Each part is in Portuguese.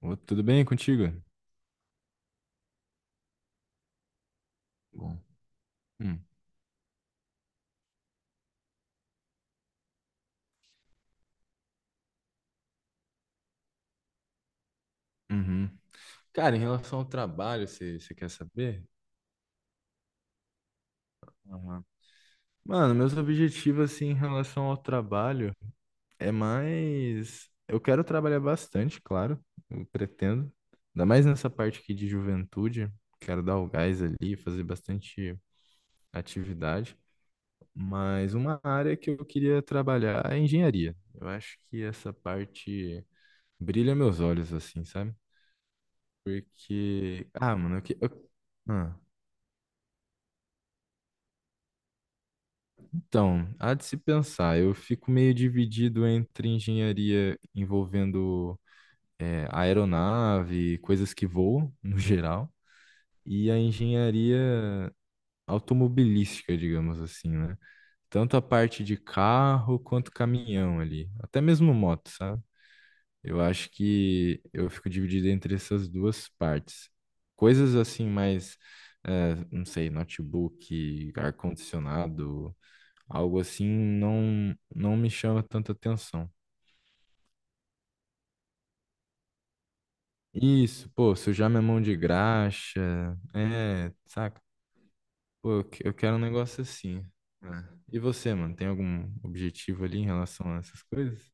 Ô, tudo bem contigo? Bom. Hum, uhum. Cara, em relação ao trabalho, você quer saber? Aham. Mano, meus objetivos assim, em relação ao trabalho é mais. Eu quero trabalhar bastante, claro, eu pretendo. Ainda mais nessa parte aqui de juventude. Quero dar o gás ali, fazer bastante atividade. Mas uma área que eu queria trabalhar é engenharia. Eu acho que essa parte brilha meus olhos, assim, sabe? Porque. Ah, mano, ah. Então, há de se pensar, eu fico meio dividido entre engenharia envolvendo aeronave, coisas que voam, no geral, e a engenharia automobilística, digamos assim, né? Tanto a parte de carro quanto caminhão ali, até mesmo moto, sabe? Eu acho que eu fico dividido entre essas duas partes. Coisas assim mais, não sei, notebook, ar-condicionado, algo assim, não, não me chama tanta atenção. Isso, pô, sujar minha mão de graxa, é, saca? Pô, eu quero um negócio assim, né? E você, mano, tem algum objetivo ali em relação a essas coisas?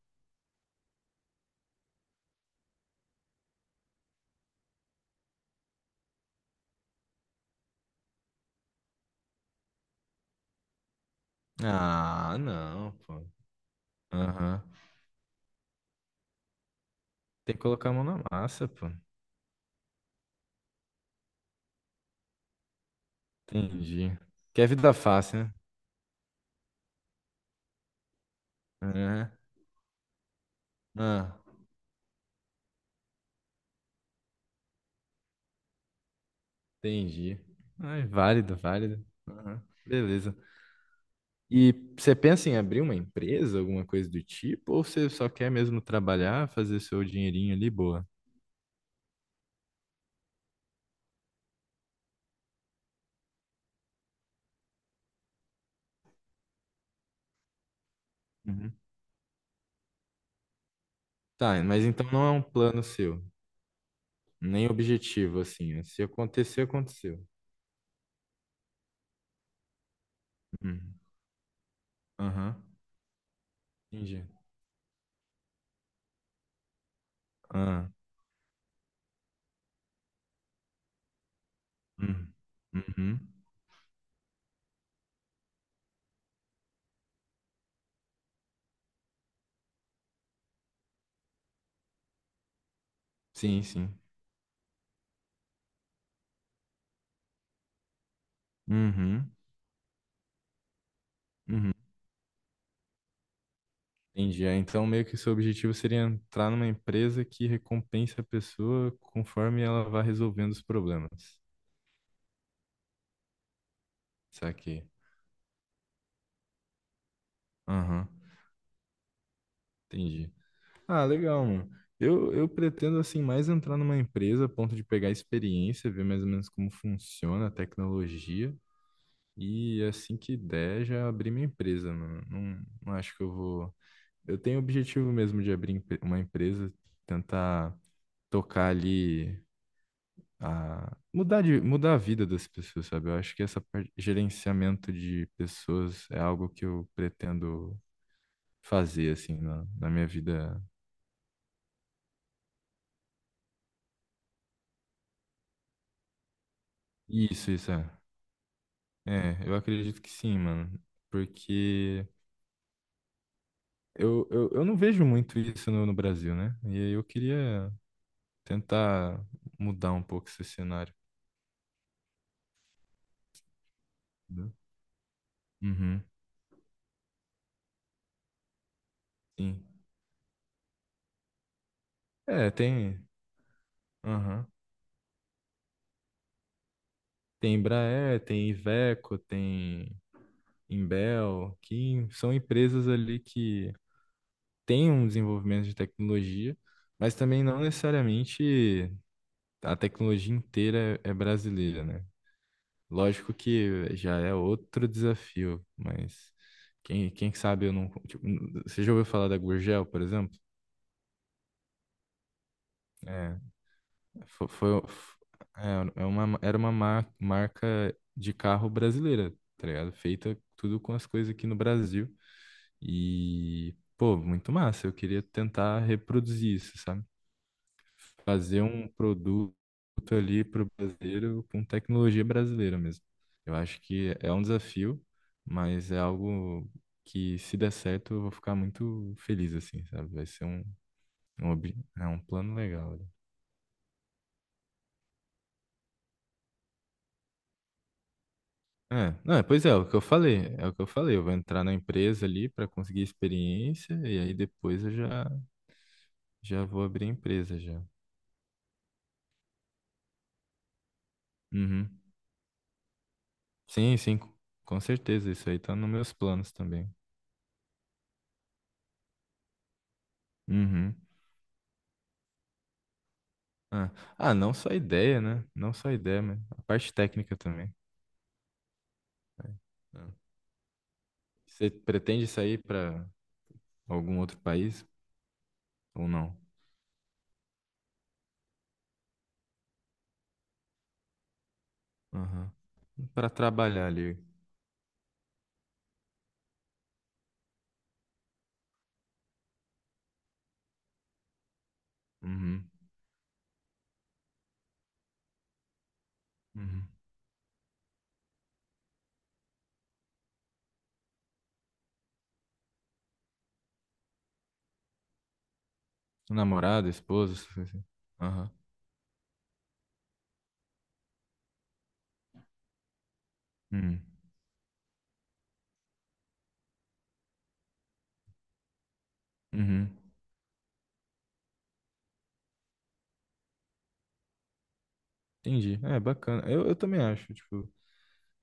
Ah, não, pô. Aham. Tem que colocar a mão na massa, pô. Entendi. Que é vida fácil, né? Aham. Ah, entendi. Ah, é válido, válido. Aham. Beleza. E você pensa em abrir uma empresa, alguma coisa do tipo, ou você só quer mesmo trabalhar, fazer seu dinheirinho ali, boa? Uhum. Tá, mas então não é um plano seu, nem objetivo, assim. É se acontecer, aconteceu. Uhum. Aham. Entendi. Ah. Uhum. Uhum. Sim, sim. Uhum. Uhum. Entendi. É, então, meio que o seu objetivo seria entrar numa empresa que recompense a pessoa conforme ela vai resolvendo os problemas. Saquei. Aham, entendi. Ah, legal, mano. Eu pretendo, assim, mais entrar numa empresa a ponto de pegar experiência, ver mais ou menos como funciona a tecnologia e, assim que der, já abrir minha empresa, mano. Não, não acho que eu vou... Eu tenho o objetivo mesmo de uma empresa, tentar tocar ali a mudar a vida das pessoas, sabe? Eu acho que essa parte, gerenciamento de pessoas é algo que eu pretendo fazer, assim, na minha vida. Isso é. É, eu acredito que sim, mano. Porque eu não vejo muito isso no Brasil, né? E aí eu queria tentar mudar um pouco esse cenário, entendeu? Uhum, sim. É, tem. Aham. Tem Embraer, tem Iveco, tem Imbel, que são empresas ali que têm um desenvolvimento de tecnologia, mas também não necessariamente a tecnologia inteira é brasileira, né? Lógico que já é outro desafio, mas quem sabe eu não. Tipo, você já ouviu falar da Gurgel, por exemplo? É, fo- foi, f- é, é uma, era uma mar- marca de carro brasileira, tá ligado? Feita tudo com as coisas aqui no Brasil. E, pô, muito massa. Eu queria tentar reproduzir isso, sabe? Fazer um produto ali pro brasileiro com tecnologia brasileira mesmo. Eu acho que é um desafio, mas é algo que, se der certo, eu vou ficar muito feliz, assim, sabe? Vai ser um, um, ob- É um plano legal, né? É, não, é, pois é, é o que eu falei, é o que eu falei. Eu vou entrar na empresa ali para conseguir experiência e aí depois já vou abrir a empresa já. Uhum. Sim, sim, com certeza. Isso aí tá nos meus planos também. Uhum. Ah, ah, não só ideia, né? Não só ideia, mas a parte técnica também. É. Ah. Você pretende sair para algum outro país ou não? Aham. Para trabalhar ali. Uhum. Uhum. Namorada, esposa, essas coisas assim. Aham. Uhum. Uhum. Entendi. É, bacana. Eu também acho. Tipo,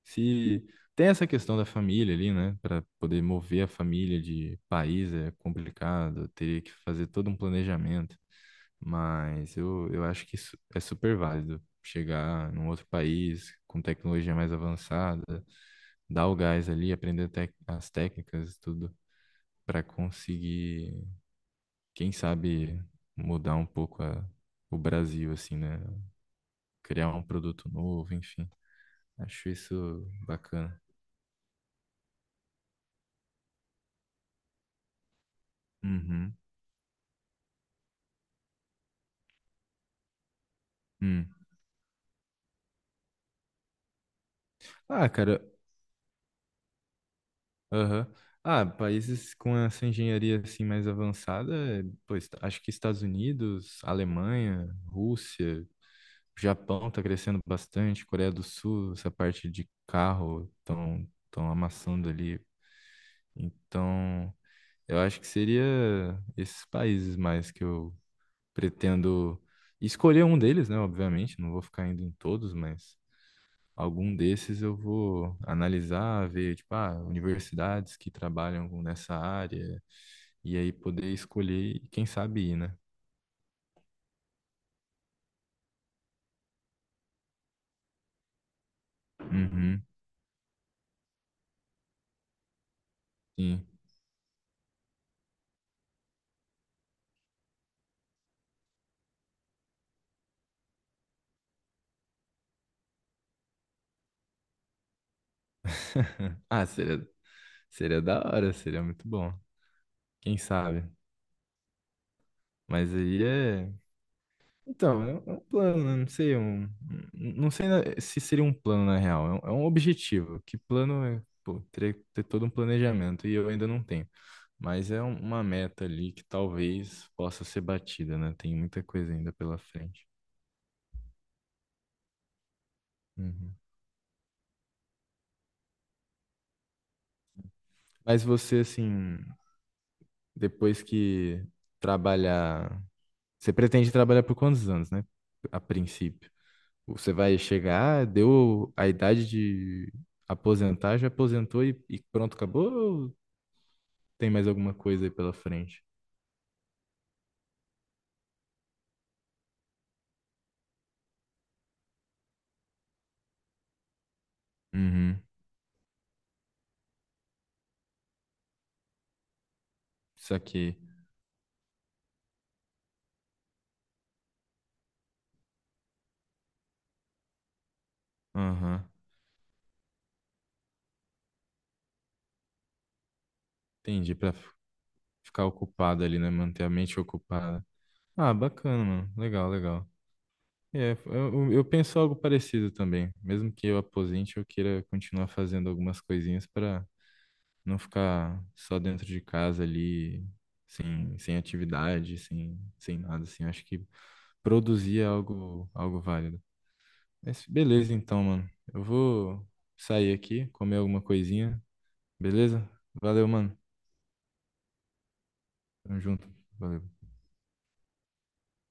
se tem essa questão da família ali, né? Para poder mover a família de país é complicado, teria que fazer todo um planejamento. Mas eu acho que isso é super válido. Chegar num outro país com tecnologia mais avançada, dar o gás ali, aprender as técnicas e tudo, para conseguir, quem sabe, mudar um pouco a- o Brasil, assim, né? Criar um produto novo, enfim. Acho isso bacana. Uhum. Hum. Ah, cara, aham. Ah, países com essa engenharia assim mais avançada, é, pois acho que Estados Unidos, Alemanha, Rússia, Japão tá crescendo bastante, Coreia do Sul, essa parte de carro tão amassando ali. Então, eu acho que seria esses países mais que eu pretendo escolher um deles, né? Obviamente, não vou ficar indo em todos, mas algum desses eu vou analisar, ver, tipo, ah, universidades nessa área, e aí poder escolher e quem sabe ir, né? Uhum, sim. Ah, seria da hora, seria muito bom. Quem sabe? Mas aí é. Então, é um plano, né? Não sei, não sei se seria um plano na real, é um objetivo. Que plano é, pô, ter todo um planejamento e eu ainda não tenho. Mas é uma meta ali que talvez possa ser batida, né? Tem muita coisa ainda pela frente. Uhum. Mas você, assim, depois que trabalhar, você pretende trabalhar por quantos anos, né? A princípio. Você vai chegar, deu a idade de aposentar, já aposentou e pronto, acabou? Ou tem mais alguma coisa aí pela frente? Uhum. Isso aqui. Aham. Entendi. Pra ficar ocupado ali, né? Manter a mente ocupada. Ah, bacana, mano. Legal, legal. É, eu penso algo parecido também. Mesmo que eu aposente, eu queira continuar fazendo algumas coisinhas para não ficar só dentro de casa ali, sem, sem atividade, sem, sem nada, assim. Eu acho que produzir é algo, algo válido. Mas beleza, então, mano. Eu vou sair aqui, comer alguma coisinha, beleza? Valeu, mano. Tamo junto. Valeu.